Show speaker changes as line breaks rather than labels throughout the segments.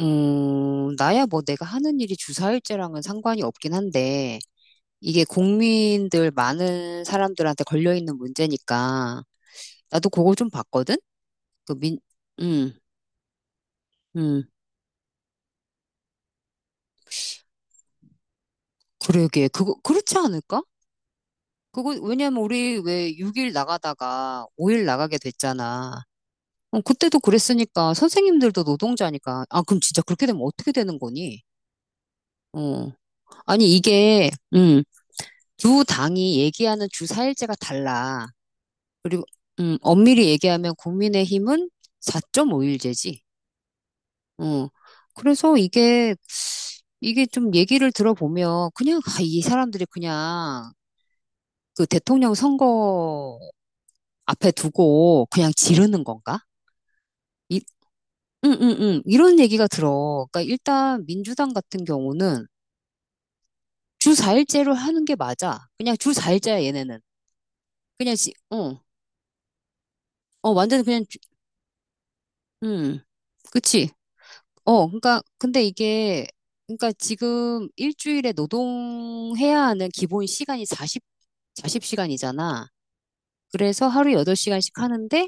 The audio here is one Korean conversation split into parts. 나야 뭐 내가 하는 일이 주사일제랑은 상관이 없긴 한데, 이게 국민들 많은 사람들한테 걸려있는 문제니까, 나도 그거 좀 봤거든? 그 민, 음, 음, 그러게. 그거, 그렇지 않을까? 그거, 왜냐면 우리 왜 6일 나가다가 5일 나가게 됐잖아. 어, 그때도 그랬으니까, 선생님들도 노동자니까, 아, 그럼 진짜 그렇게 되면 어떻게 되는 거니? 어, 아니, 이게, 두 당이 얘기하는 주사일제가 달라. 그리고 엄밀히 얘기하면 국민의힘은 4.5일제지. 어. 그래서 이게 좀 얘기를 들어보면 그냥 아, 이 사람들이 그냥 그 대통령 선거 앞에 두고 그냥 지르는 건가? 이, 응, 응, 응. 이런 얘기가 들어. 그러니까 일단 민주당 같은 경우는 주 4일제로 하는 게 맞아. 그냥 주 4일제야 얘네는. 그냥 지, 어, 완전 그냥 음, 그치. 어, 그러니까 근데 이게 그러니까 지금 일주일에 노동해야 하는 기본 시간이 40 사십 시간이잖아. 그래서 하루에 8시간씩 하는데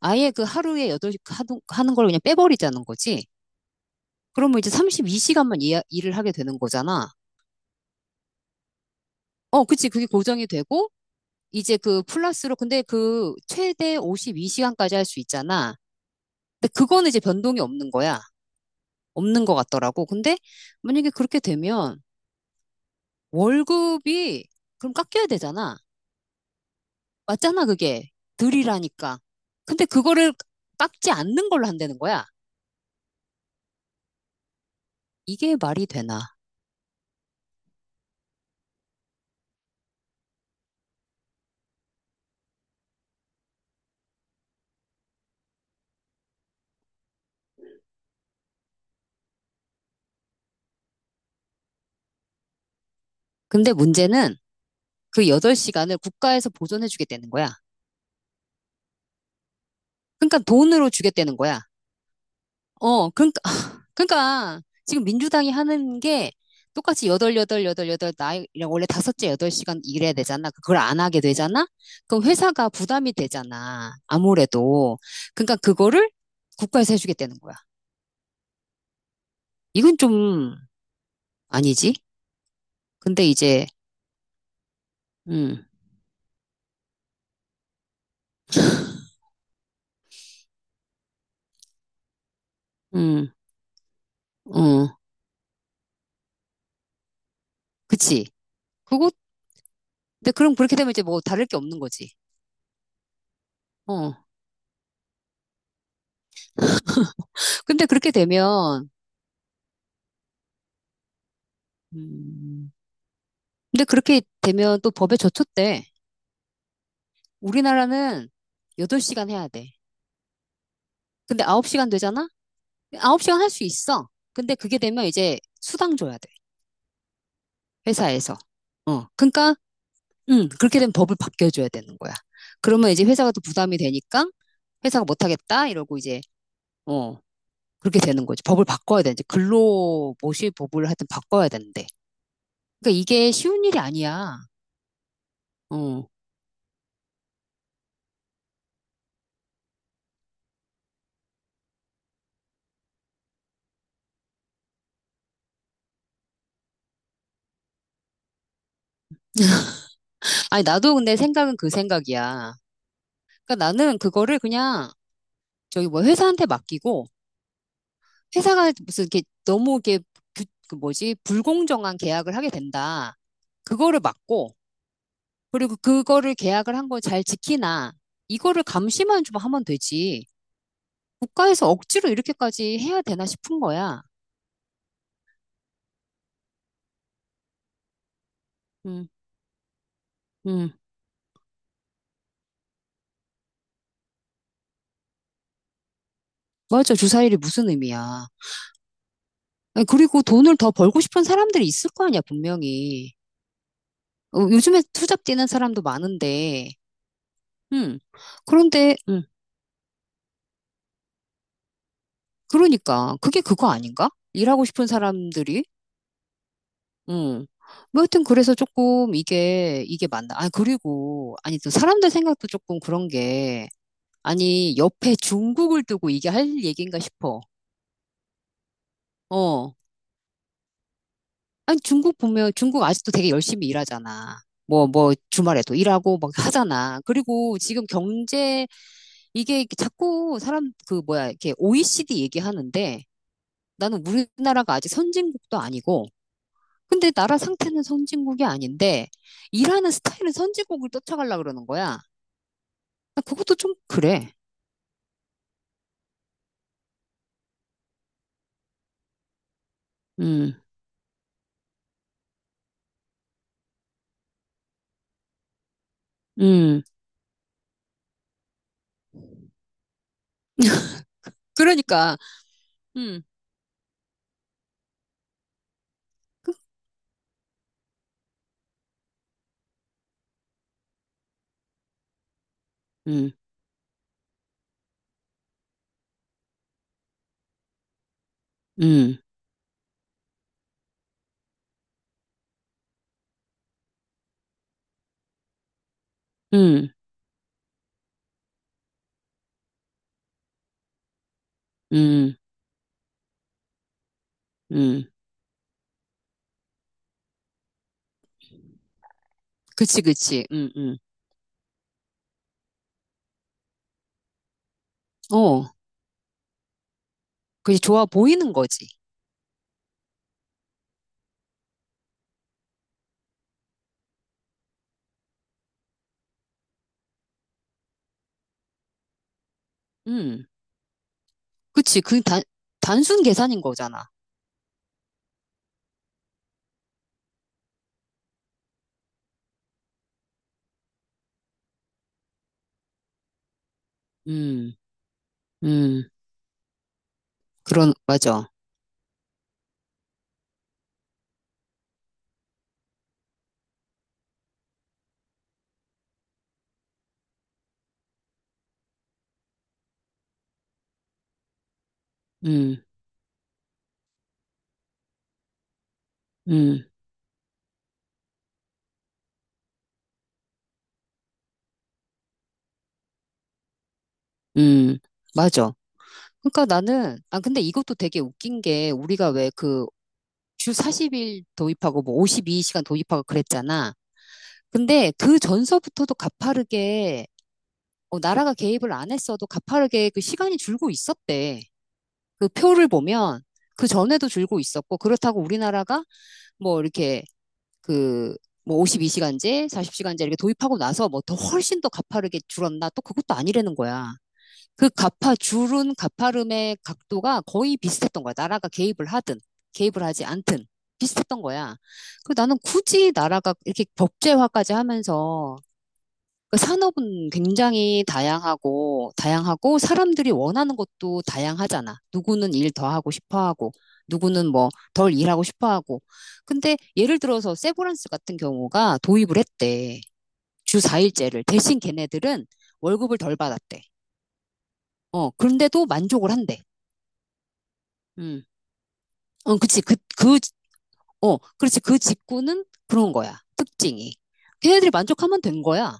아예 그 하루에 8시간 하는 걸 그냥 빼버리자는 거지. 그러면 이제 32시간만 일을 하게 되는 거잖아. 어, 그치. 그게 고정이 되고 이제 그 플러스로 근데 그 최대 52시간까지 할 수 있잖아. 근데 그거는 이제 변동이 없는 거야. 없는 것 같더라고. 근데 만약에 그렇게 되면 월급이 그럼 깎여야 되잖아. 맞잖아, 그게. 들이라니까. 근데 그거를 깎지 않는 걸로 한다는 거야. 이게 말이 되나. 근데 문제는 그 8시간을 국가에서 보존해주겠다는 거야. 그러니까 돈으로 주겠다는 거야. 어, 그러니까, 그러니까 지금 민주당이 하는 게 똑같이 8, 8, 8, 8, 나이, 원래 다섯째 8시간 일해야 되잖아. 그걸 안 하게 되잖아? 그럼 회사가 부담이 되잖아. 아무래도. 그러니까 그거를 국가에서 해주겠다는 거야. 이건 좀 아니지. 근데 이제, 음, 음, 어, 그치. 그거, 근데 그럼 그렇게 되면 이제 뭐 다를 게 없는 거지. 어. 근데 그렇게 되면, 음, 근데 그렇게 되면 또 법에 저촉돼. 우리나라는 8시간 해야 돼. 근데 9시간 되잖아? 9시간 할 수 있어. 근데 그게 되면 이제 수당 줘야 돼. 회사에서. 어. 그러니까, 그렇게 되면 법을 바뀌어줘야 되는 거야. 그러면 이제 회사가 또 부담이 되니까 회사가 못하겠다 이러고 이제, 어. 그렇게 되는 거지. 법을 바꿔야 되는데 근로 모시 법을 하여튼 바꿔야 되는데. 그러니까 이게 쉬운 일이 아니야. 어. 아니 나도 근데 생각은 그 생각이야. 그러니까 나는 그거를 그냥 저기 뭐 회사한테 맡기고 회사가 무슨 이렇게 너무 이렇게 그 뭐지 불공정한 계약을 하게 된다. 그거를 막고 그리고 그거를 계약을 한 거 잘 지키나 이거를 감시만 좀 하면 되지. 국가에서 억지로 이렇게까지 해야 되나 싶은 거야. 음, 음. 맞아. 주사일이 무슨 의미야. 그리고 돈을 더 벌고 싶은 사람들이 있을 거 아니야, 분명히. 어, 요즘에 투잡 뛰는 사람도 많은데, 음. 그런데, 그러니까, 그게 그거 아닌가? 일하고 싶은 사람들이, 음. 뭐 하여튼 그래서 조금 이게 맞나. 아, 그리고, 아니, 또 사람들 생각도 조금 그런 게, 아니, 옆에 중국을 두고 이게 할 얘기인가 싶어. 어. 아니, 중국 보면, 중국 아직도 되게 열심히 일하잖아. 주말에도 일하고 막 하잖아. 그리고 지금 경제 이게 자꾸 사람 그 뭐야 이렇게 OECD 얘기하는데 나는 우리나라가 아직 선진국도 아니고 근데 나라 상태는 선진국이 아닌데 일하는 스타일은 선진국을 쫓아가려 그러는 거야. 나 그것도 좀 그래. 음, 음. 그러니까 음, 음, 음, 음, 음, 음. 그치, 그치. 어, 그게 좋아 보이는 거지. 음, 그치. 그 단순 계산인 거잖아. 음, 음. 그런 맞아. 음, 음. 음, 맞아. 그러니까 나는, 아, 근데 이것도 되게 웃긴 게, 우리가 왜 그 주 40일 도입하고 뭐 52시간 도입하고 그랬잖아. 근데 그 전서부터도 가파르게, 어, 나라가 개입을 안 했어도 가파르게 그 시간이 줄고 있었대. 그 표를 보면, 그 전에도 줄고 있었고, 그렇다고 우리나라가 뭐 이렇게 그, 뭐 52시간제, 40시간제 이렇게 도입하고 나서 뭐 더 훨씬 더 가파르게 줄었나? 또 그것도 아니라는 거야. 그 줄은 가파름의 각도가 거의 비슷했던 거야. 나라가 개입을 하든, 개입을 하지 않든, 비슷했던 거야. 그 나는 굳이 나라가 이렇게 법제화까지 하면서, 그 산업은 굉장히 다양하고, 다양하고, 사람들이 원하는 것도 다양하잖아. 누구는 일 더 하고 싶어 하고, 누구는 뭐 덜 일하고 싶어 하고. 근데 예를 들어서 세브란스 같은 경우가 도입을 했대. 주 4일제를. 대신 걔네들은 월급을 덜 받았대. 어, 그런데도 만족을 한대. 음. 어, 그치. 어, 그렇지. 그 직구는 그런 거야. 특징이. 걔네들이 만족하면 된 거야.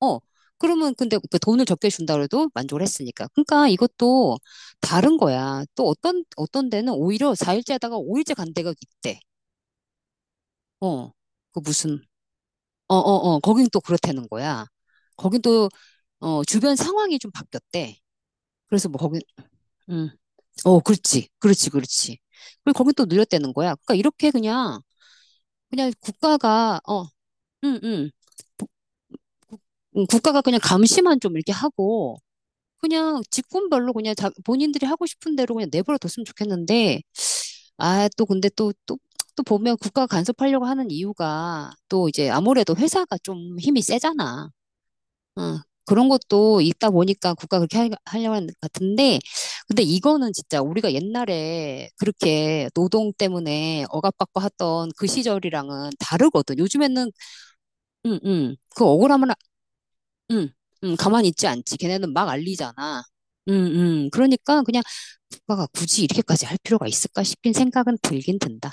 어. 그러면 근데 그 돈을 적게 준다 그래도 만족을 했으니까. 그러니까 이것도 다른 거야. 또 어떤 데는 오히려 4일째 하다가 5일째 간 데가 있대. 어. 그 무슨, 어, 어, 어. 거긴 또 그렇다는 거야. 거긴 또, 어, 주변 상황이 좀 바뀌었대. 그래서 뭐 거긴, 음. 어, 그렇지. 그렇지. 그렇지. 그리고 거긴 또 늘렸다는 거야. 그러니까 이렇게 그냥 국가가, 어, 응, 응. 부- 응, 국가가 그냥 감시만 좀 이렇게 하고, 그냥 직군별로 그냥 자, 본인들이 하고 싶은 대로 그냥 내버려 뒀으면 좋겠는데, 아, 또 근데 또 보면 국가가 간섭하려고 하는 이유가 또 이제 아무래도 회사가 좀 힘이 세잖아. 어, 그런 것도 있다 보니까 국가가 그렇게 하려고 하는 것 같은데, 근데 이거는 진짜 우리가 옛날에 그렇게 노동 때문에 억압받고 했던 그 시절이랑은 다르거든. 요즘에는, 응, 응. 그 억울함을 응, 응, 가만히 있지 않지. 걔네는 막 알리잖아. 응, 응. 그러니까 그냥 국가가 굳이 이렇게까지 할 필요가 있을까 싶긴 생각은 들긴 든다.